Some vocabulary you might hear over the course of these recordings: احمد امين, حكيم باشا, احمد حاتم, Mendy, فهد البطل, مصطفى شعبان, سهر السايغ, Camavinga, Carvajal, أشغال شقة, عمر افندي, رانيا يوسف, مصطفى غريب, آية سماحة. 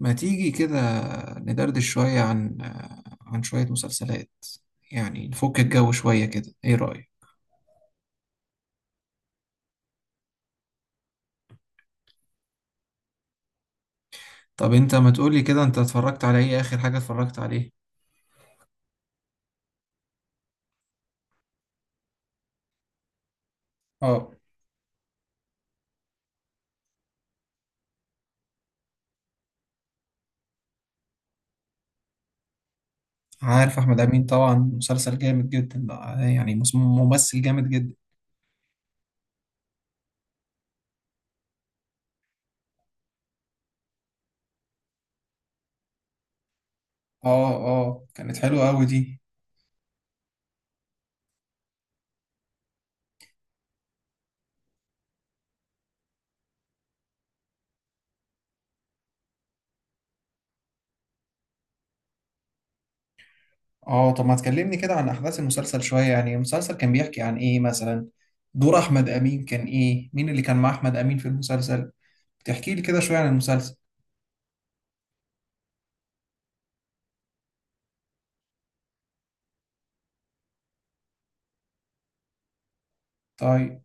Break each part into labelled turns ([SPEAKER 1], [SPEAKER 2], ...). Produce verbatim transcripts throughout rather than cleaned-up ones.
[SPEAKER 1] ما تيجي كده ندردش شوية عن عن شوية مسلسلات، يعني نفك الجو شوية كده. ايه رأيك؟ طب انت ما تقولي كده، انت اتفرجت على ايه؟ اخر حاجة اتفرجت عليه. اه. عارف احمد امين طبعا، مسلسل جامد جدا ده. يعني مس- ممثل جامد جدا. اه اه، كانت حلوة قوي دي. اه، طب ما تكلمني كده عن احداث المسلسل شوية. يعني المسلسل كان بيحكي عن ايه مثلا؟ دور احمد امين كان ايه؟ مين اللي كان مع احمد امين في المسلسل؟ تحكي لي كده شوية عن المسلسل. طيب.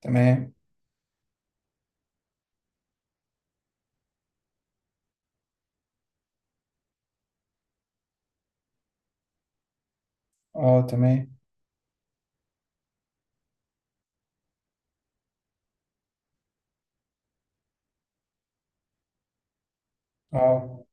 [SPEAKER 1] تمام. اه تمام. اه،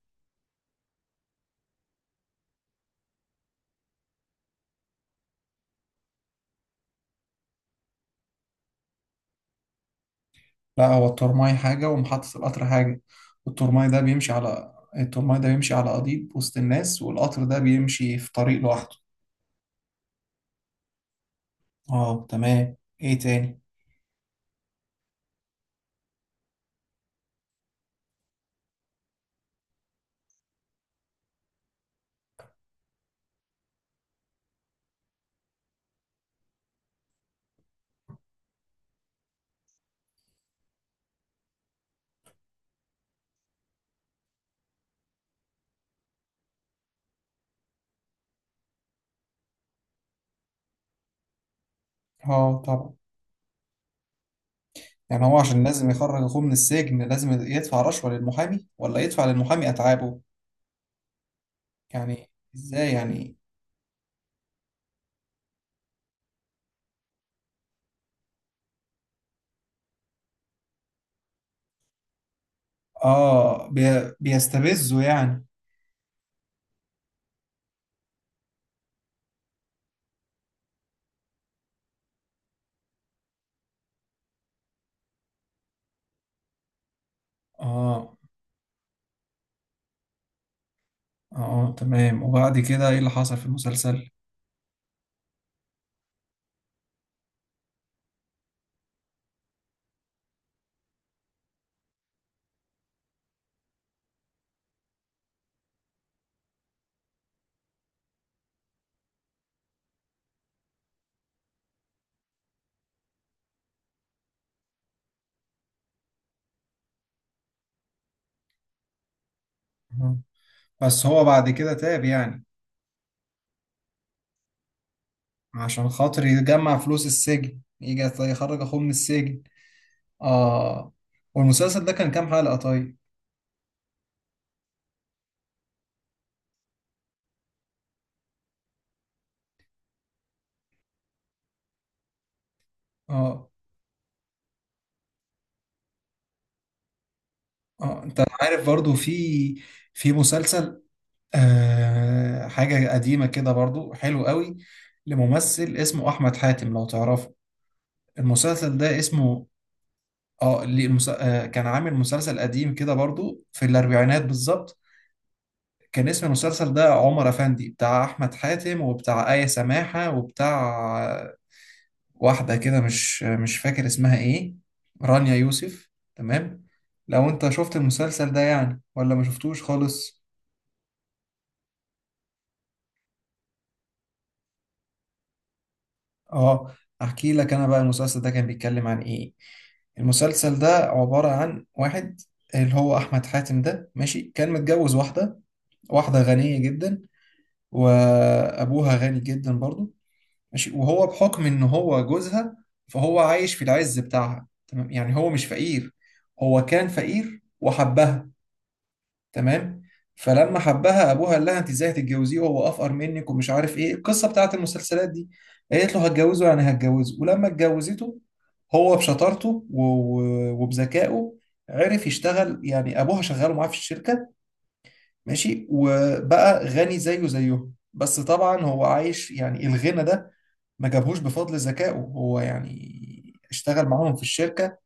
[SPEAKER 1] لا، هو الترماي حاجة ومحطة القطر حاجة. الترماي ده بيمشي على الترماي ده بيمشي على قضيب وسط الناس، والقطر ده بيمشي في طريق لوحده. اه تمام، ايه تاني؟ اه طبعا. يعني هو عشان لازم يخرج اخوه من السجن لازم يدفع رشوة للمحامي، ولا يدفع للمحامي اتعابه؟ يعني ازاي يعني؟ اه بي... بيستفزه يعني؟ اه اه تمام. وبعد كده ايه اللي حصل في المسلسل؟ مم. بس هو بعد كده تاب يعني؟ عشان خاطر يجمع فلوس السجن، يجي يط- يخرج اخوه من السجن. اه. والمسلسل ده كان كام حلقة طيب؟ اه اه، انت عارف برضو في في مسلسل آه حاجة قديمة كده برضو حلو قوي، لممثل اسمه احمد حاتم، لو تعرفه. المسلسل ده اسمه... اه ليه المس... آه كان عامل مسلسل قديم كده برضو في الاربعينات بالظبط. كان اسم المسلسل ده عمر افندي، بتاع احمد حاتم وبتاع آية سماحة وبتاع واحدة كده مش مش فاكر اسمها ايه، رانيا يوسف. تمام. لو انت شفت المسلسل ده يعني، ولا ما شفتوش خالص؟ اه، احكي لك انا بقى المسلسل ده كان بيتكلم عن ايه. المسلسل ده عبارة عن واحد، اللي هو احمد حاتم ده، ماشي، كان متجوز واحدة واحدة غنية جدا، وأبوها غني جدا برضو. ماشي، وهو بحكم إن هو جوزها فهو عايش في العز بتاعها. تمام، يعني هو مش فقير. هو كان فقير وحبها. تمام. فلما حبها ابوها قال لها انت ازاي هتتجوزيه وهو افقر منك ومش عارف ايه القصه بتاعت المسلسلات دي. قالت له هتجوزه يعني هتجوزه. ولما اتجوزته، هو بشطارته و- و- وبذكائه عرف يشتغل. يعني ابوها شغاله معاه في الشركه، ماشي، وبقى غني زيه زيه. بس طبعا هو عايش يعني الغنى ده ما جابهوش بفضل ذكائه هو، يعني اشتغل معاهم في الشركة.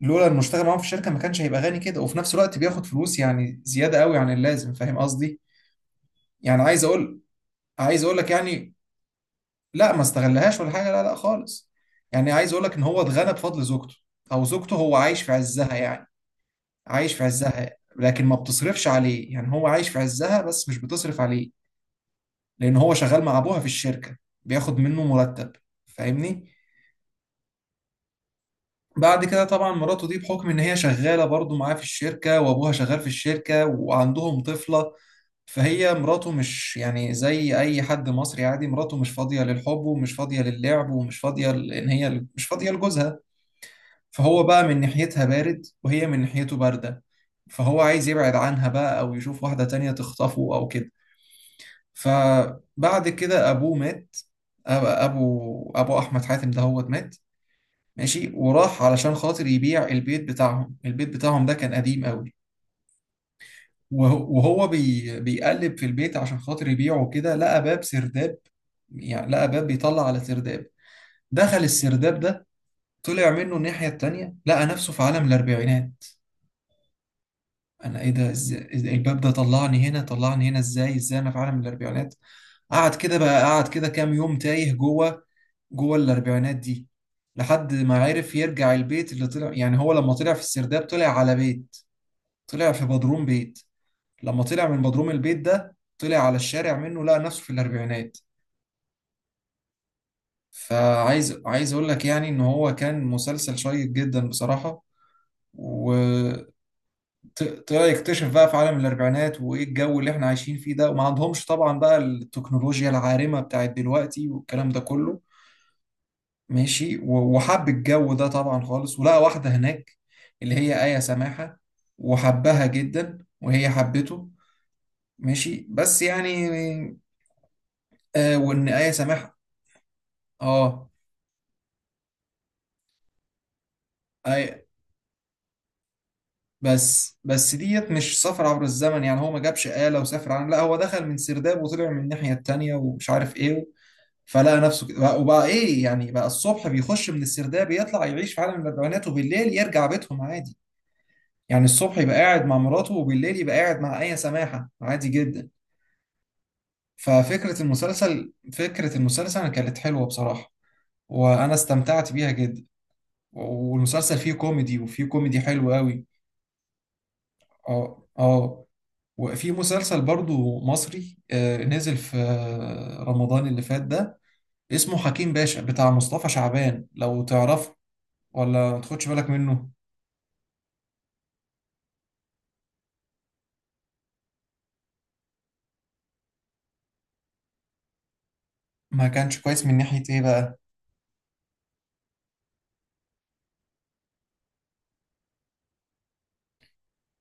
[SPEAKER 1] لولا انه اشتغل معاهم في الشركه ما كانش هيبقى غني كده. وفي نفس الوقت بياخد فلوس يعني زياده قوي عن اللازم، فاهم قصدي؟ يعني عايز اقول عايز اقول لك يعني. لا، ما استغلهاش ولا حاجه، لا لا خالص. يعني عايز اقول لك ان هو اتغنى بفضل زوجته، او زوجته هو عايش في عزها يعني. عايش في عزها، لكن ما بتصرفش عليه. يعني هو عايش في عزها بس مش بتصرف عليه، لان هو شغال مع ابوها في الشركه، بياخد منه مرتب. فاهمني؟ بعد كده طبعا مراته دي، بحكم ان هي شغاله برضو معاه في الشركه وابوها شغال في الشركه وعندهم طفله، فهي مراته مش يعني زي اي حد مصري عادي. مراته مش فاضيه للحب ومش فاضيه للعب ومش فاضيه ل- ان هي مش فاضيه لجوزها. فهو بقى من ناحيتها بارد وهي من ناحيته بارده. فهو عايز يبعد عنها بقى، او يشوف واحده تانية تخطفه او كده. فبعد كده ابوه مات. أب- ابو ابو احمد حاتم ده هو مات، ماشي، وراح علشان خاطر يبيع البيت بتاعهم. البيت بتاعهم ده كان قديم قوي. وهو وهو بي بيقلب في البيت عشان خاطر يبيعه كده لقى باب سرداب. يعني لقى باب بيطلع على سرداب. دخل السرداب ده، طلع منه الناحية التانية، لقى نفسه في عالم الأربعينات. أنا إيه ده؟ إزاي الباب ده طلعني هنا؟ طلعني هنا إزاي؟ إزاي أنا في عالم الأربعينات؟ قعد كده بقى قعد كده كام يوم تايه جوه. جوه الأربعينات دي، لحد ما عرف يرجع البيت اللي طلع. يعني هو لما طلع في السرداب طلع على بيت، طلع في بدروم بيت. لما طلع من بدروم البيت ده طلع على الشارع منه، لقى نفسه في الأربعينات. فعايز عايز أقول لك يعني إن هو كان مسلسل شيق جدا بصراحة. وطلع يكتشف بقى في عالم الأربعينات، وإيه الجو اللي إحنا عايشين فيه ده. وما عندهمش طبعا بقى التكنولوجيا العارمة بتاعت دلوقتي والكلام ده كله. ماشي، و- وحب الجو ده طبعا خالص. ولقى واحدة هناك، اللي هي آية سماحة، وحبها جدا وهي حبته. ماشي، بس يعني... آه والنهاية سامحة. اه اي، بس بس ديت مش سفر عبر الزمن يعني. هو ما جابش آلة وسافر، عن لا، هو دخل من سرداب وطلع من الناحية التانية ومش عارف ايه. فلقى نفسه كده بقى- وبقى ايه يعني، بقى الصبح بيخش من السرداب يطلع يعيش في عالم الاربعينات، وبالليل يرجع بيتهم عادي. يعني الصبح يبقى قاعد مع مراته، وبالليل يبقى قاعد مع آية سماحة عادي جدا. ففكرة المسلسل فكرة المسلسل كانت حلوة بصراحة، وانا استمتعت بيها جدا. والمسلسل فيه كوميدي، وفيه كوميدي حلو قوي. اه اه. وفي مسلسل برضو مصري آه، نزل في آه، رمضان اللي فات ده، اسمه حكيم باشا، بتاع مصطفى شعبان، لو تعرفه ولا ما تاخدش بالك منه؟ ما كانش كويس من ناحية ايه بقى؟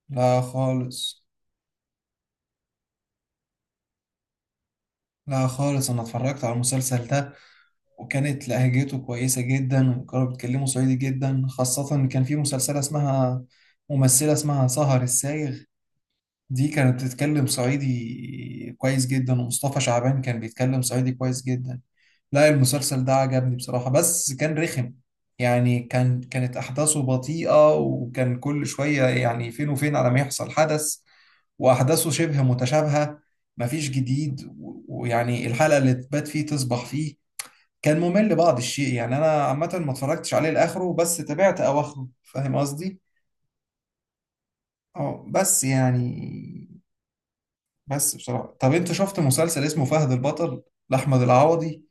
[SPEAKER 1] لا خالص. لا خالص، انا اتفرجت على المسلسل ده، وكانت لهجته كويسة جدا، وكانوا بيتكلموا صعيدي جدا، خاصة إن كان في مسلسلة اسمها... ممثلة اسمها سهر السايغ، دي كانت بتتكلم صعيدي كويس جدا، ومصطفى شعبان كان بيتكلم صعيدي كويس جدا. لا، المسلسل ده عجبني بصراحة، بس كان رخم. يعني كان كانت أحداثه بطيئة، وكان كل شوية يعني فين وفين على ما يحصل حدث. وأحداثه شبه متشابهة، مفيش جديد. و- ويعني الحلقة اللي تبات فيه تصبح فيه، كان ممل بعض الشيء يعني. أنا عامة ما اتفرجتش عليه لآخره، بس تابعت أواخره، فاهم قصدي؟ اه، بس يعني بس بصراحة... طب انت شفت مسلسل اسمه فهد البطل، لأحمد العوضي؟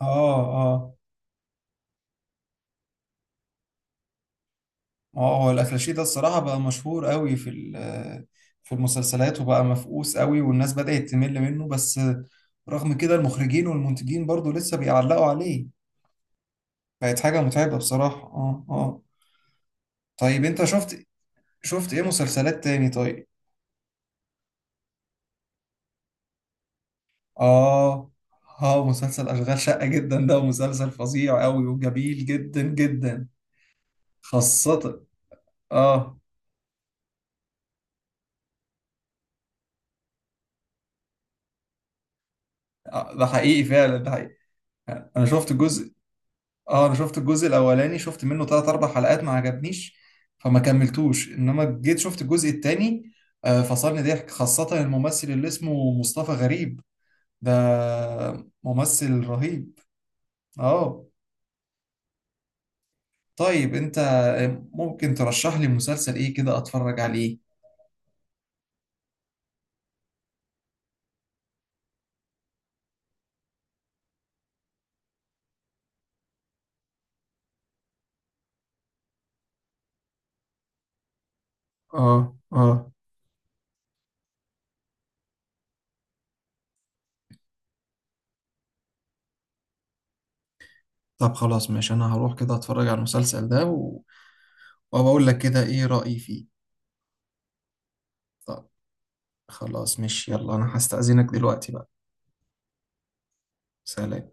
[SPEAKER 1] اه اه اه. هو الأكلاشيه ده الصراحة بقى مشهور قوي في ال- في المسلسلات، وبقى مفقوس قوي والناس بدأت تمل منه. بس رغم كده المخرجين والمنتجين برضو لسه بيعلقوا عليه. بقت حاجة متعبة بصراحة. اه اه. طيب انت شفت... شفت ايه مسلسلات تاني طيب؟ اه اه، مسلسل أشغال شقة جدا ده مسلسل فظيع قوي وجميل جدا جدا. خاصة. اه. آه، ده حقيقي فعلا، ده حقيقي. انا شفت الجزء... اه انا شفت الجزء الاولاني، شفت منه ثلاث اربع حلقات ما عجبنيش، فما كملتوش. انما جيت شفت الجزء الثاني، فصلني ضحك، خاصة الممثل اللي اسمه مصطفى غريب ده، ممثل رهيب. اه، طيب انت ممكن ترشح لي مسلسل ايه كده اتفرج عليه؟ اه اه. طب خلاص ماشي، انا هروح كده اتفرج على المسلسل ده، و... وبقول لك كده ايه رأيي فيه. طب خلاص ماشي، يلا انا هستأذنك دلوقتي بقى. سلام.